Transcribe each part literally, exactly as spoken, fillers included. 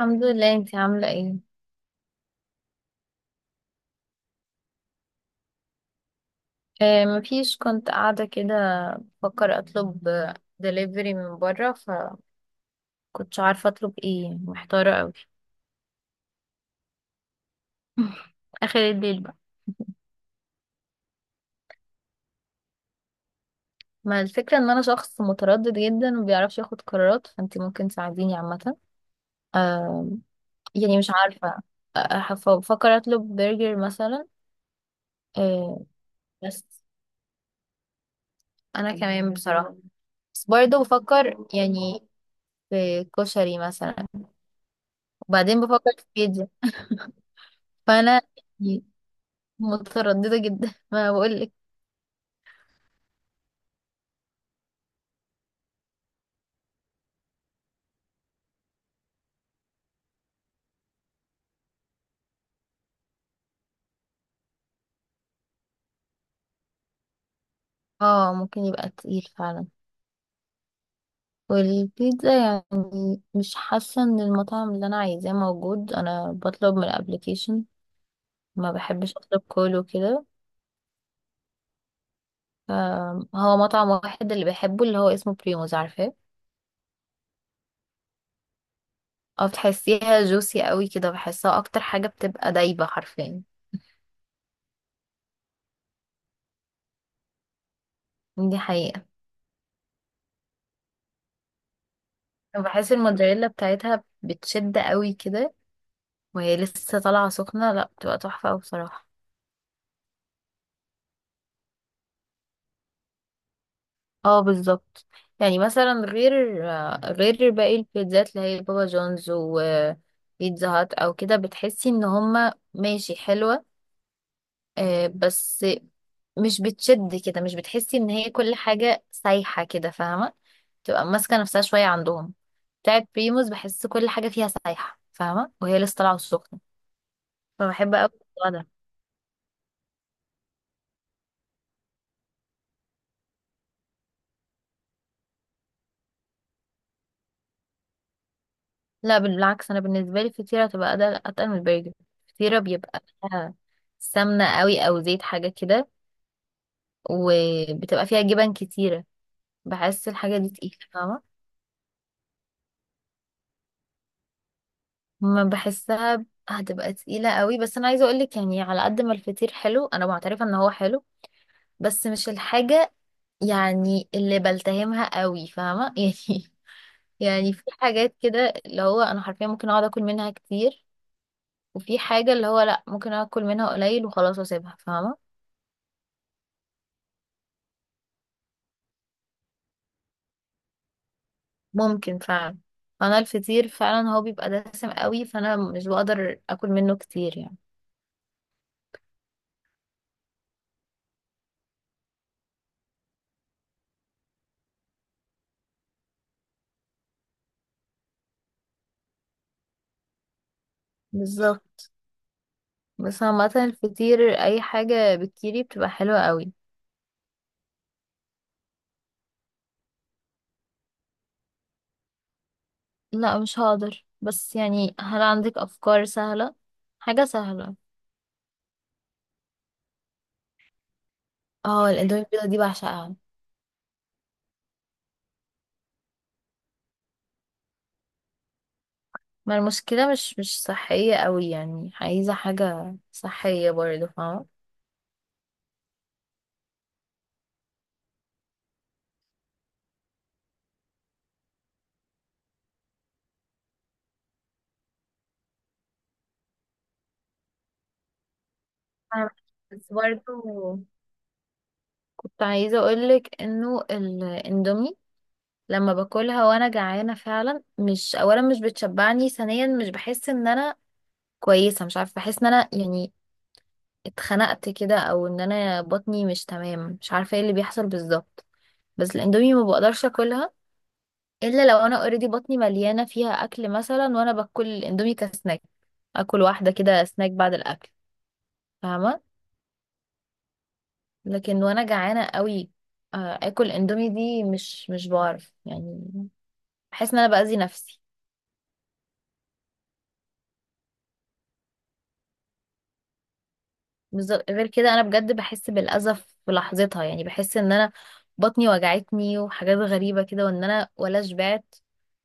الحمد لله، انتي عاملة ايه؟ آه، مفيش. كنت قاعدة كده، بفكر اطلب دليفري من بره، فكنتش عارفة اطلب ايه، محتارة اوي. اخر الليل بقى. ما الفكرة ان انا شخص متردد جدا ومبيعرفش ياخد قرارات، فانتي ممكن تساعديني عامة. آه. يعني مش عارفة. آه، بفكر اطلب برجر مثلا. آه. بس انا كمان بصراحة، بس برضه بفكر يعني في كشري مثلا، وبعدين بفكر في بيتزا. فانا يعني مترددة جدا ما بقولك. اه، ممكن يبقى تقيل فعلا. والبيتزا يعني مش حاسة ان المطعم اللي انا عايزاه موجود، انا بطلب من الابليكيشن. ما بحبش اطلب كول وكده. ف- هو مطعم واحد اللي بحبه اللي هو اسمه بريموز، عارفاه. اه، بتحسيها جوسي قوي كده، بحسها اكتر حاجة بتبقى دايبة حرفيا. دي حقيقة. بحس الموتزاريلا بتاعتها بتشد قوي كده، وهي لسه طالعة سخنة، لا بتبقى تحفة أوي بصراحة. اه بالظبط. يعني مثلا غير غير باقي البيتزات اللي هي بابا جونز وبيتزا هات او كده، بتحسي ان هما ماشي حلوة. آه، بس مش بتشد كده، مش بتحسي ان هي كل حاجة سايحة كده، فاهمة. تبقى ماسكة نفسها شوية عندهم. بتاعت بريموز بحس كل حاجة فيها سايحة فاهمة، وهي لسه طالعة السخنة. فبحب اوي الموضوع ده. لا بالعكس، انا بالنسبة لي الفطيرة تبقى أدل- اتقل من البرجر. الفطيرة بيبقى فيها سمنة قوي او زيت حاجة كده، وبتبقى فيها جبن كتيرة. بحس الحاجة دي تقيلة فاهمة. ما بحسها ب- هتبقى تقيلة قوي. بس أنا عايزة أقولك يعني، على قد ما الفطير حلو أنا معترفة إن هو حلو، بس مش الحاجة يعني اللي بلتهمها قوي فاهمة يعني. يعني في حاجات كده اللي هو أنا حرفيا ممكن أقعد أكل منها كتير، وفي حاجة اللي هو لأ ممكن أكل منها قليل وخلاص أسيبها فاهمة. ممكن فعلا. فأنا الفطير فعلا هو بيبقى دسم قوي، فأنا مش بقدر أكل منه كتير يعني. بالظبط. بس عامة الفطير أي حاجة بالكيري بتبقى حلوة قوي. لا مش هقدر، بس يعني هل عندك أفكار سهلة؟ حاجة سهلة. اه الاندومي البيضة دي بعشقها. ما المشكلة مش مش صحية قوي، يعني عايزة حاجة صحية برضه فاهمة. فاهمة. بس برضه كنت عايزة أقولك إنه الاندومي لما باكلها وأنا جعانة فعلا، مش أولا مش بتشبعني، ثانيا مش بحس إن أنا كويسة، مش عارفة بحس إن أنا يعني اتخنقت كده، او ان انا بطني مش تمام، مش عارفه ايه اللي بيحصل بالظبط. بس الاندومي ما بقدرش اكلها الا لو انا اوريدي بطني مليانه فيها اكل، مثلا وانا باكل الاندومي كسناك، اكل واحده كده سناك بعد الاكل، فاهمه. لكن وانا جعانه قوي، آه، اكل اندومي دي مش مش بعرف يعني. بحس ان انا باذي نفسي. بالظبط، غير كده انا بجد بحس بالاذى في لحظتها، يعني بحس ان انا بطني وجعتني وحاجات غريبه كده، وان انا ولا شبعت،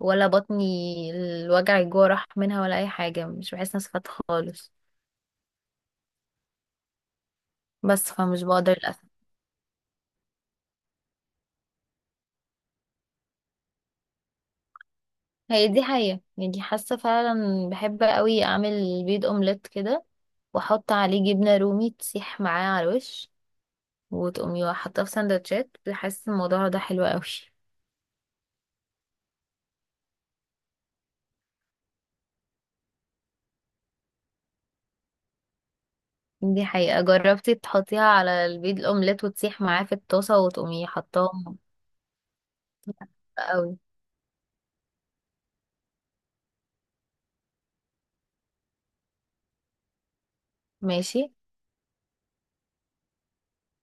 ولا بطني الوجع الجوع راح منها، ولا اي حاجه مش بحس نفسي فات خالص. بس فمش بقدر للاسف. هي دي حقيقه، يعني حاسه فعلا بحب قوي اعمل بيض اومليت كده، واحط عليه جبنه رومي تسيح معاه على الوش، وتقومي حاطاه في سندوتشات، بحس الموضوع ده حلو قوي. دي حقيقه، جربتي تحطيها على البيض الاومليت وتسيح معاه في الطاسه وتقومي حطاهم. قوي. ماشي.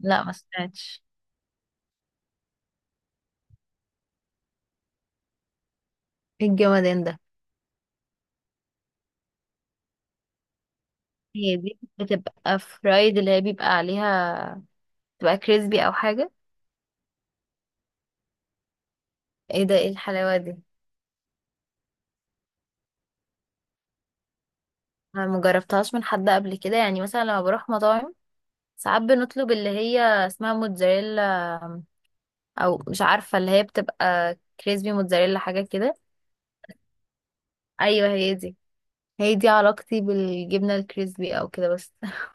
لا ما سمعتش. إيه الجمدان ده؟ هي دي بتبقى فرايد اللي هي بيبقى عليها، بتبقى كريسبي او حاجة. ايه ده، ايه الحلاوة دي! انا مجربتهاش من حد قبل كده، يعني مثلا لما بروح مطاعم ساعات بنطلب اللي هي اسمها موتزاريلا، او مش عارفة اللي هي بتبقى كريسبي موتزاريلا حاجة كده. ايوه هي دي. هي دي علاقتي بالجبنة الكريسبي او كده بس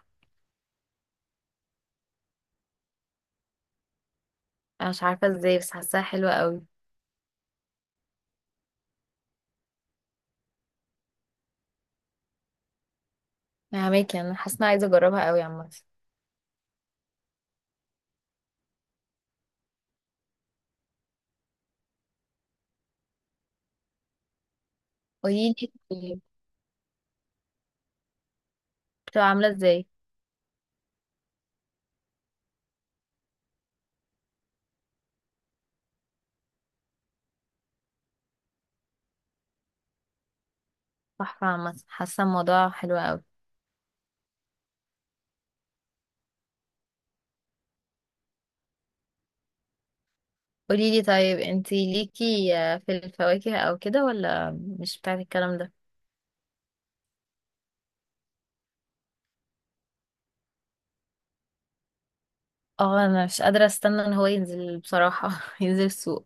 انا مش عارفة ازاي بس حاساها حلوة قوي. فهماكي، انا حاسة إن أنا عايزة اجربها قوي عامة. قوليلي بتبقى عاملة ازاي. تحفة، عامة حاسة الموضوع حلو قوي. قوليلي طيب، انتي ليكي في الفواكه او كده ولا مش بتاعت الكلام ده؟ اه انا مش قادرة استنى ان هو ينزل بصراحة، ينزل السوق.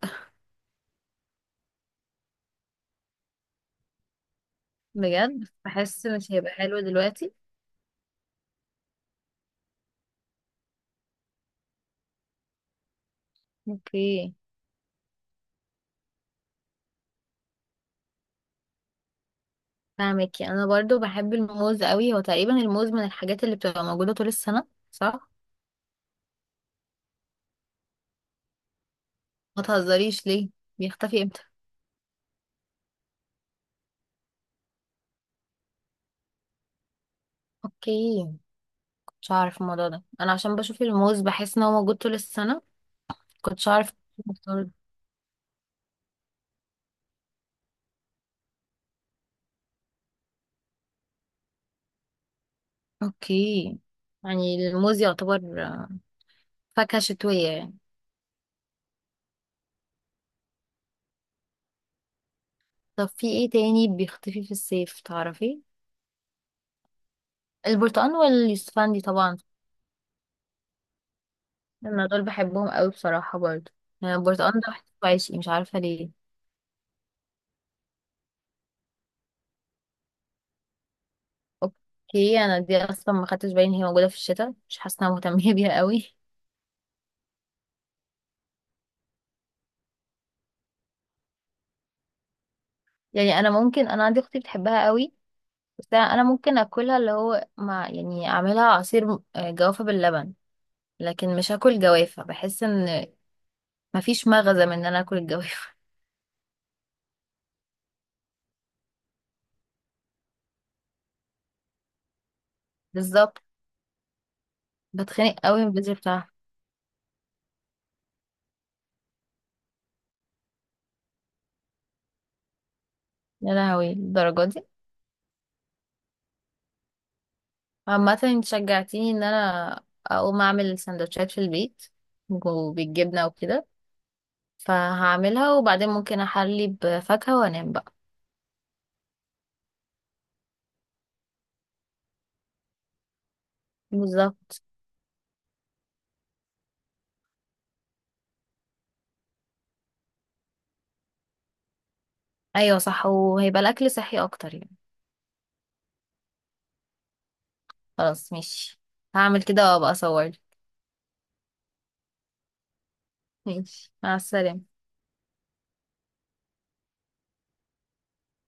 بجد بحس مش هيبقى حلو دلوقتي. اوكي. فاهمكي، انا برضو بحب الموز قوي، هو تقريبا الموز من الحاجات اللي بتبقى موجودة طول السنة صح؟ ما تهزريش ليه، بيختفي امتى؟ اوكي، كنتش اعرف الموضوع ده، انا عشان بشوف الموز بحس ان هو موجود طول السنة. كنتش اعرف الموضوع ده. اوكي. يعني الموز يعتبر فاكهة شتوية يعني. طب في ايه تاني بيختفي في الصيف، تعرفي؟ البرتقال واليوسفندي طبعا. انا دول بحبهم قوي بصراحة برضه يعني. البرتقال ده بحسه عايشي، مش عارفة ليه. اوكي، انا دي اصلا ما خدتش بالي ان هي موجودة في الشتاء، مش حاسة إن انا مهتمة بيها قوي. يعني انا ممكن انا عندي اختي بتحبها قوي، بس انا ممكن اكلها اللي هو مع، يعني اعملها عصير آه، جوافة باللبن، لكن مش هاكل جوافة، بحس ان مفيش مغزى من ان انا اكل الجوافة. بالظبط. بتخنق قوي من البذر بتاعها. يا لهوي الدرجة دي. عامة انت شجعتيني ان انا اقوم اعمل سندوتشات في البيت وبالجبنة وكده، فهعملها وبعدين ممكن احلي بفاكهة وانام بقى. بالظبط. ايوه صح، وهيبقى الاكل صحي اكتر يعني. خلاص ماشي، هعمل كده وابقى اصور. ماشي، مع السلامة.